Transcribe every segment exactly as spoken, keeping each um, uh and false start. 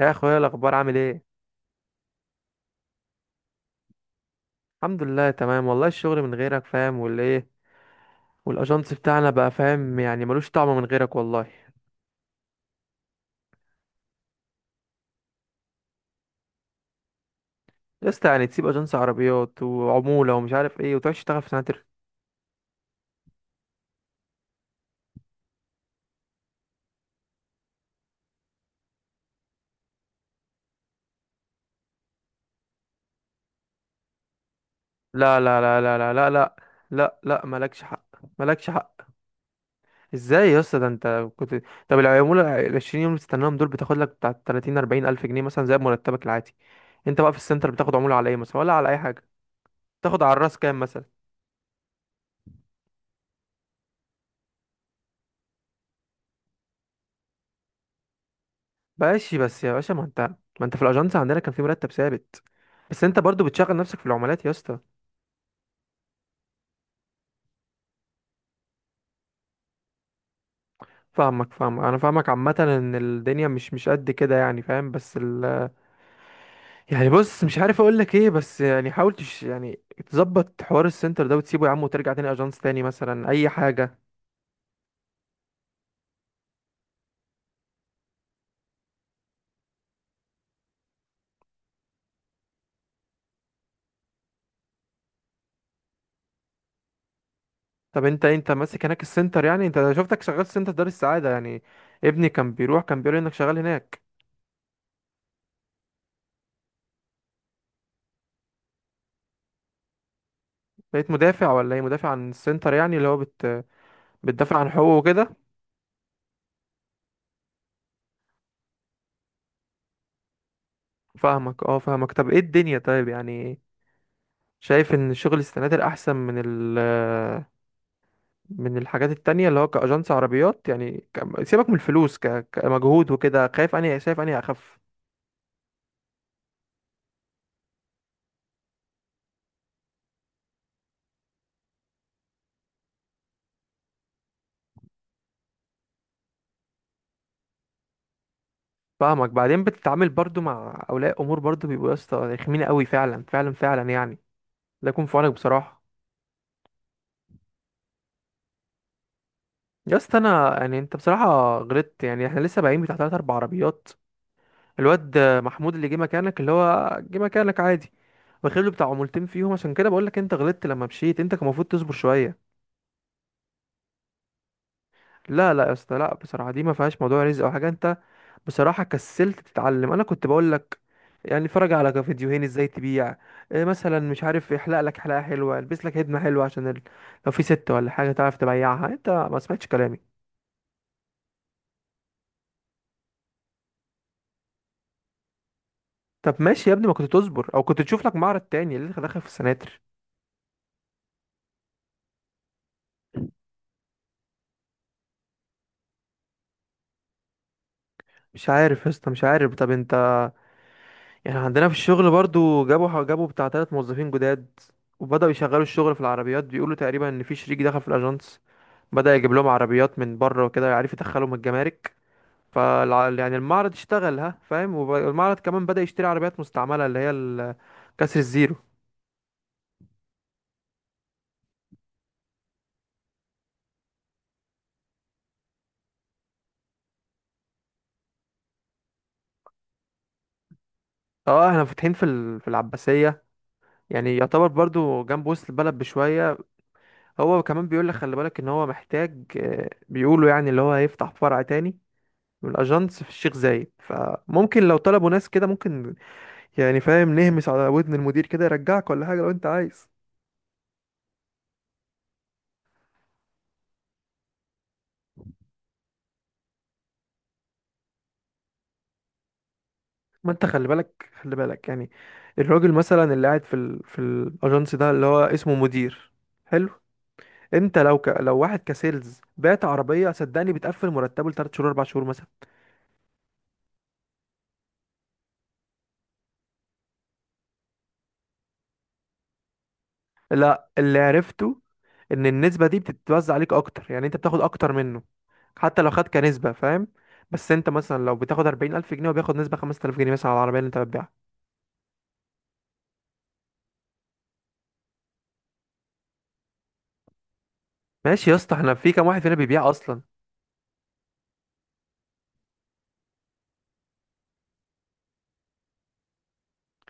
يا اخويا، إيه الاخبار؟ عامل ايه؟ الحمد لله، تمام والله. الشغل من غيرك فاهم ولا ايه؟ والاجنس بتاعنا بقى فاهم، يعني ملوش طعم من غيرك والله. يا اسطى، يعني تسيب اجنس عربيات وعموله ومش عارف ايه وتروح تشتغل في سناتر؟ لا لا لا لا لا لا لا لا لا، مالكش حق، مالكش حق. ازاي يا اسطى؟ ده انت كنت. طب العموله ال عشرين يوم اللي بتستناهم دول بتاخد لك بتاع تلاتين اربعين الف جنيه مثلا، زي مرتبك العادي. انت بقى في السنتر بتاخد عموله على ايه مثلا، ولا على اي حاجه؟ تاخد على الراس كام مثلا؟ ماشي بس يا باشا. ما انت ما انت في الاجنس عندنا كان في مرتب ثابت. بس انت برضو بتشغل نفسك في العملات يا اسطى. فاهمك، فاهمك، انا فاهمك. عامه ان الدنيا مش مش قد كده يعني، فاهم. بس ال... يعني بص، مش عارف اقول لك ايه بس يعني حاول تش... يعني تظبط حوار السنتر ده وتسيبه يا عم، وترجع تاني اجنس تاني مثلا اي حاجه. طب انت، انت ماسك هناك السنتر، يعني انت شفتك شغال في سنتر دار السعاده يعني. ابني كان بيروح، كان بيقول لي انك شغال هناك. بقيت مدافع ولا ايه؟ مدافع عن السنتر، يعني اللي هو بت... بتدافع عن حقوقه وكده. فاهمك، اه فاهمك. طب ايه الدنيا طيب، يعني شايف ان شغل السناتر احسن من ال، من الحاجات التانية اللي هو كأجنس عربيات، يعني ك- سيبك من الفلوس، ك- كمجهود وكده، خايف اني شايف اني اخف. فاهمك. بعدين بتتعامل برضو مع اولياء امور، برضو بيبقوا يا اسطى رخمين قوي، فعلا فعلا فعلا يعني. لا يكون في عونك بصراحة. يا اسطى، انا يعني انت بصراحة غلطت. يعني احنا لسه باقيين بتاع تلات اربع عربيات. الواد محمود اللي جه مكانك، اللي هو جه مكانك عادي، واخد له بتاع عمولتين فيهم. عشان كده بقول لك انت غلطت لما مشيت، انت كان المفروض تصبر شويه. لا لا يا اسطى، لا، بصراحه دي ما فيهاش موضوع رزق او حاجه. انت بصراحه كسلت تتعلم. انا كنت بقول لك يعني اتفرج على فيديوهين ازاي تبيع، إيه مثلا، مش عارف، يحلق لك حلاقه حلوه، البس لك هدمه حلوه، عشان ال... لو في ست ولا حاجه تعرف تبيعها. انت ما سمعتش كلامي. طب ماشي يا ابني، ما كنت تصبر او كنت تشوف لك معرض تاني، ليه داخل في السناتر؟ مش عارف يا اسطى، مش عارف. طب انت، يعني عندنا في الشغل برضو، جابوا جابوا بتاع تلات موظفين جداد، وبدأوا يشغلوا الشغل في العربيات. بيقولوا تقريبا ان في شريك دخل في الاجانس، بدأ يجيب لهم عربيات من بره وكده، يعرف يدخلهم الجمارك. فالع... يعني المعرض اشتغل، ها فاهم، والمعرض كمان بدأ يشتري عربيات مستعملة، اللي هي ال- كسر الزيرو. اه، احنا فاتحين في ال... في العباسية، يعني يعتبر برضو جنب وسط البلد بشوية. هو كمان بيقول لك خلي بالك، ان هو محتاج، آه، بيقولوا يعني اللي هو هيفتح فرع تاني من الاجانس في الشيخ زايد. فممكن لو طلبوا ناس كده ممكن، يعني فاهم، نهمس على ودن المدير كده يرجعك ولا حاجه لو انت عايز. ما انت خلي بالك، خلي بالك، يعني الراجل مثلا اللي قاعد في ال... في الاجانس ده اللي هو اسمه مدير. حلو. انت لو ك... لو واحد كسيلز بعت عربيه، صدقني بتقفل مرتبه لثلاث شهور اربع شهور مثلا. لا، اللي عرفته ان النسبة دي بتتوزع عليك اكتر. يعني انت بتاخد اكتر منه حتى لو خد كنسبة، فاهم. بس انت مثلا لو بتاخد اربعين الف جنيه وبياخد نسبة خمس تلاف جنيه مثلا على العربية اللي انت بتبيعها. ماشي يا اسطى، احنا في كام واحد فينا بيبيع اصلا؟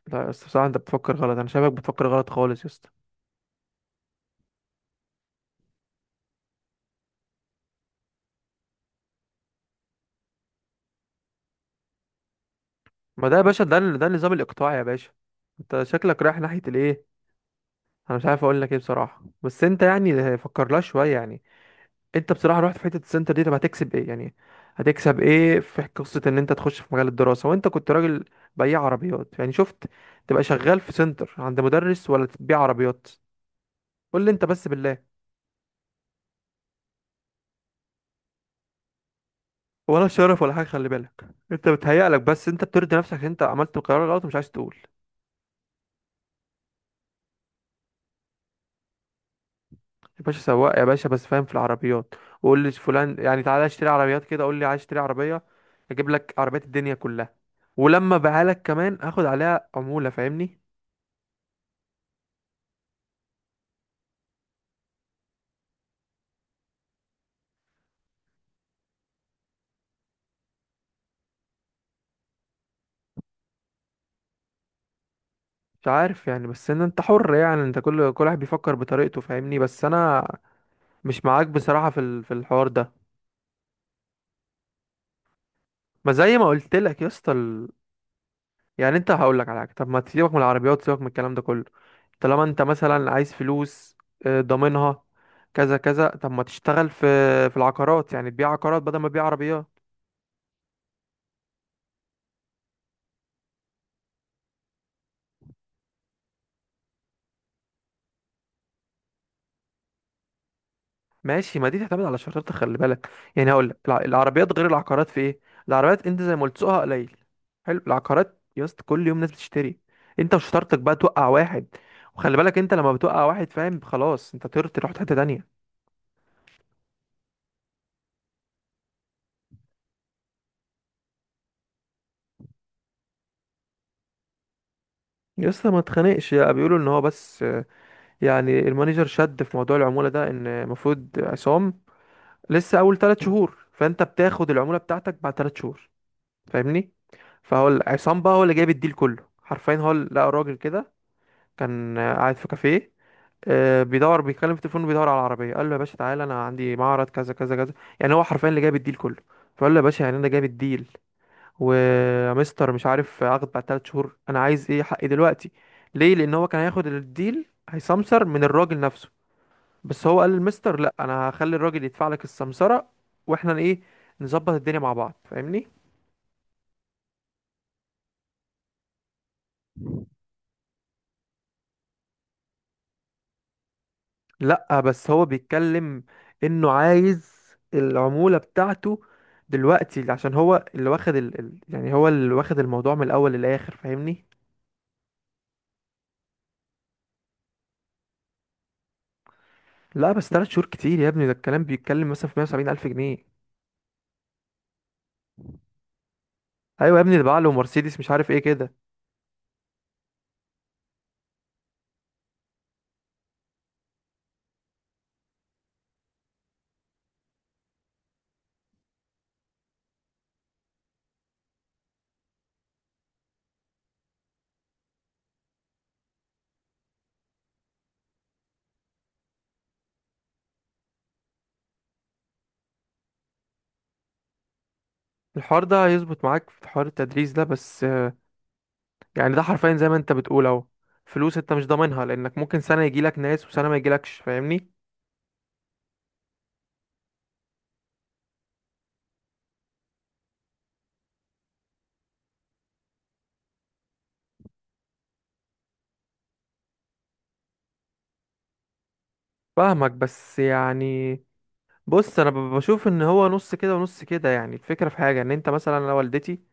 لا يا اسطى، بصراحة انت بتفكر غلط. انا شايفك بتفكر غلط خالص يا اسطى. ما ده يا باشا، ده ده النظام الاقطاعي يا باشا. انت شكلك رايح ناحية الايه؟ انا مش عارف اقول لك ايه بصراحة، بس انت يعني فكر لها شوية يعني. انت بصراحه رحت في حته السنتر دي، طب هتكسب ايه يعني؟ هتكسب ايه في قصه ان انت تخش في مجال الدراسه وانت كنت راجل بياع عربيات؟ يعني شفت، تبقى شغال في سنتر عند مدرس ولا تبيع عربيات؟ قول لي انت بس بالله. ولا شرف ولا حاجه، خلي بالك. انت بتهيألك بس، انت بترضي نفسك ان انت عملت القرار الغلط ومش عايز تقول. يا باشا سواق، يا باشا، بس فاهم في العربيات. وقول لي فلان، يعني تعالى اشتري عربيات كده، قول لي عايز اشتري عربيه، اجيب لك عربيات الدنيا كلها. ولما بيعها لك كمان هاخد عليها عموله، فاهمني؟ مش عارف يعني، بس ان انت حر يعني. انت كل كل واحد بيفكر بطريقته، فاهمني. بس انا مش معاك بصراحة في ال... في الحوار ده. ما زي ما قلت لك يا اسطى ال... يعني انت، هقول لك على حاجة. طب ما تسيبك من العربيات، سيبك من الكلام ده كله. طالما انت مثلا عايز فلوس آه، ضامنها كذا كذا، طب ما تشتغل في في العقارات، يعني تبيع عقارات بدل ما تبيع عربيات. ماشي، ما دي تعتمد على شرطة خلي بالك. يعني هقول لك الع- العربيات غير العقارات في ايه. العربيات انت زي ما قلت سوقها قليل. حلو. العقارات يا اسطى كل يوم ناس بتشتري. انت وشطارتك بقى توقع واحد. وخلي بالك انت لما بتوقع واحد، فاهم، خلاص انت طرت، رحت حتة تانية. يا اسطى ما تخانقش. يا بيقولوا ان هو بس، يعني المانجر شد في موضوع العمولة ده ان المفروض عصام لسه اول ثلاث شهور، فانت بتاخد العمولة بتاعتك بعد ثلاث شهور، فاهمني. فهو عصام بقى هو اللي جايب الديل كله حرفيا. هو اللي- لقى راجل كده، كان آه، قاعد في كافيه، آه، بيدور، بيتكلم في التليفون وبيدور على العربيه. قال له يا باشا تعالى، انا عندي معرض كذا كذا كذا. يعني هو حرفيا اللي جايب الديل كله. فقال له يا باشا، يعني انا جايب الديل، ومستر مش عارف اخد بعد ثلاث شهور، انا عايز ايه حقي دلوقتي. ليه؟ لان هو كان هياخد الديل، هيسمسر من الراجل نفسه، بس هو قال للمستر لا، انا هخلي الراجل يدفع لك السمسره واحنا ايه، نظبط الدنيا مع بعض، فاهمني. لا بس هو بيتكلم انه عايز العمولة بتاعته دلوقتي، عشان هو اللي واخد ال... ال- يعني هو اللي واخد الموضوع من الاول للاخر، فاهمني. لا بس تلات شهور كتير يا ابني. ده الكلام بيتكلم مثلا في مية وسبعين الف جنيه. ايوه يا ابني، ده بقى له مرسيدس مش عارف ايه كده. الحوار ده هيظبط معاك في حوار التدريس ده، بس آه، يعني ده حرفيا زي ما انت بتقول اهو. فلوس انت مش ضامنها، لانك ممكن سنة يجيلك ناس وسنة ما يجيلكش، فاهمني. فاهمك بس يعني، بص، انا ب- بشوف ان هو نص كده ونص كده. يعني الفكره في حاجه ان انت مثلا، انا والدتي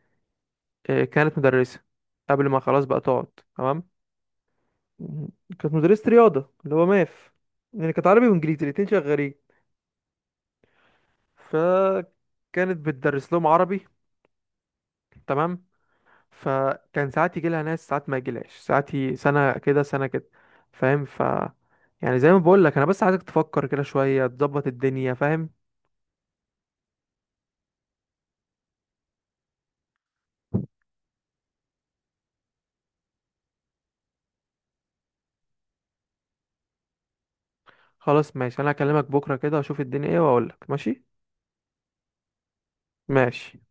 آه، كانت مدرسه قبل ما خلاص بقى تقعد، تمام. مم. كانت مدرسه رياضه، اللي هو ماث، يعني كانت عربي وانجليزي الاتنين شغالين. فكانت بتدرس لهم عربي، تمام. فكان ساعات يجي لها ناس، ساعات ما يجيلهاش، ساعات ي- سنه كده سنه كده، فاهم، ف يعني زي ما بقول لك، انا بس عايزك تفكر كده شويه تظبط الدنيا، فاهم. خلاص ماشي، انا هكلمك بكره كده واشوف الدنيا ايه واقول لك. ماشي ماشي.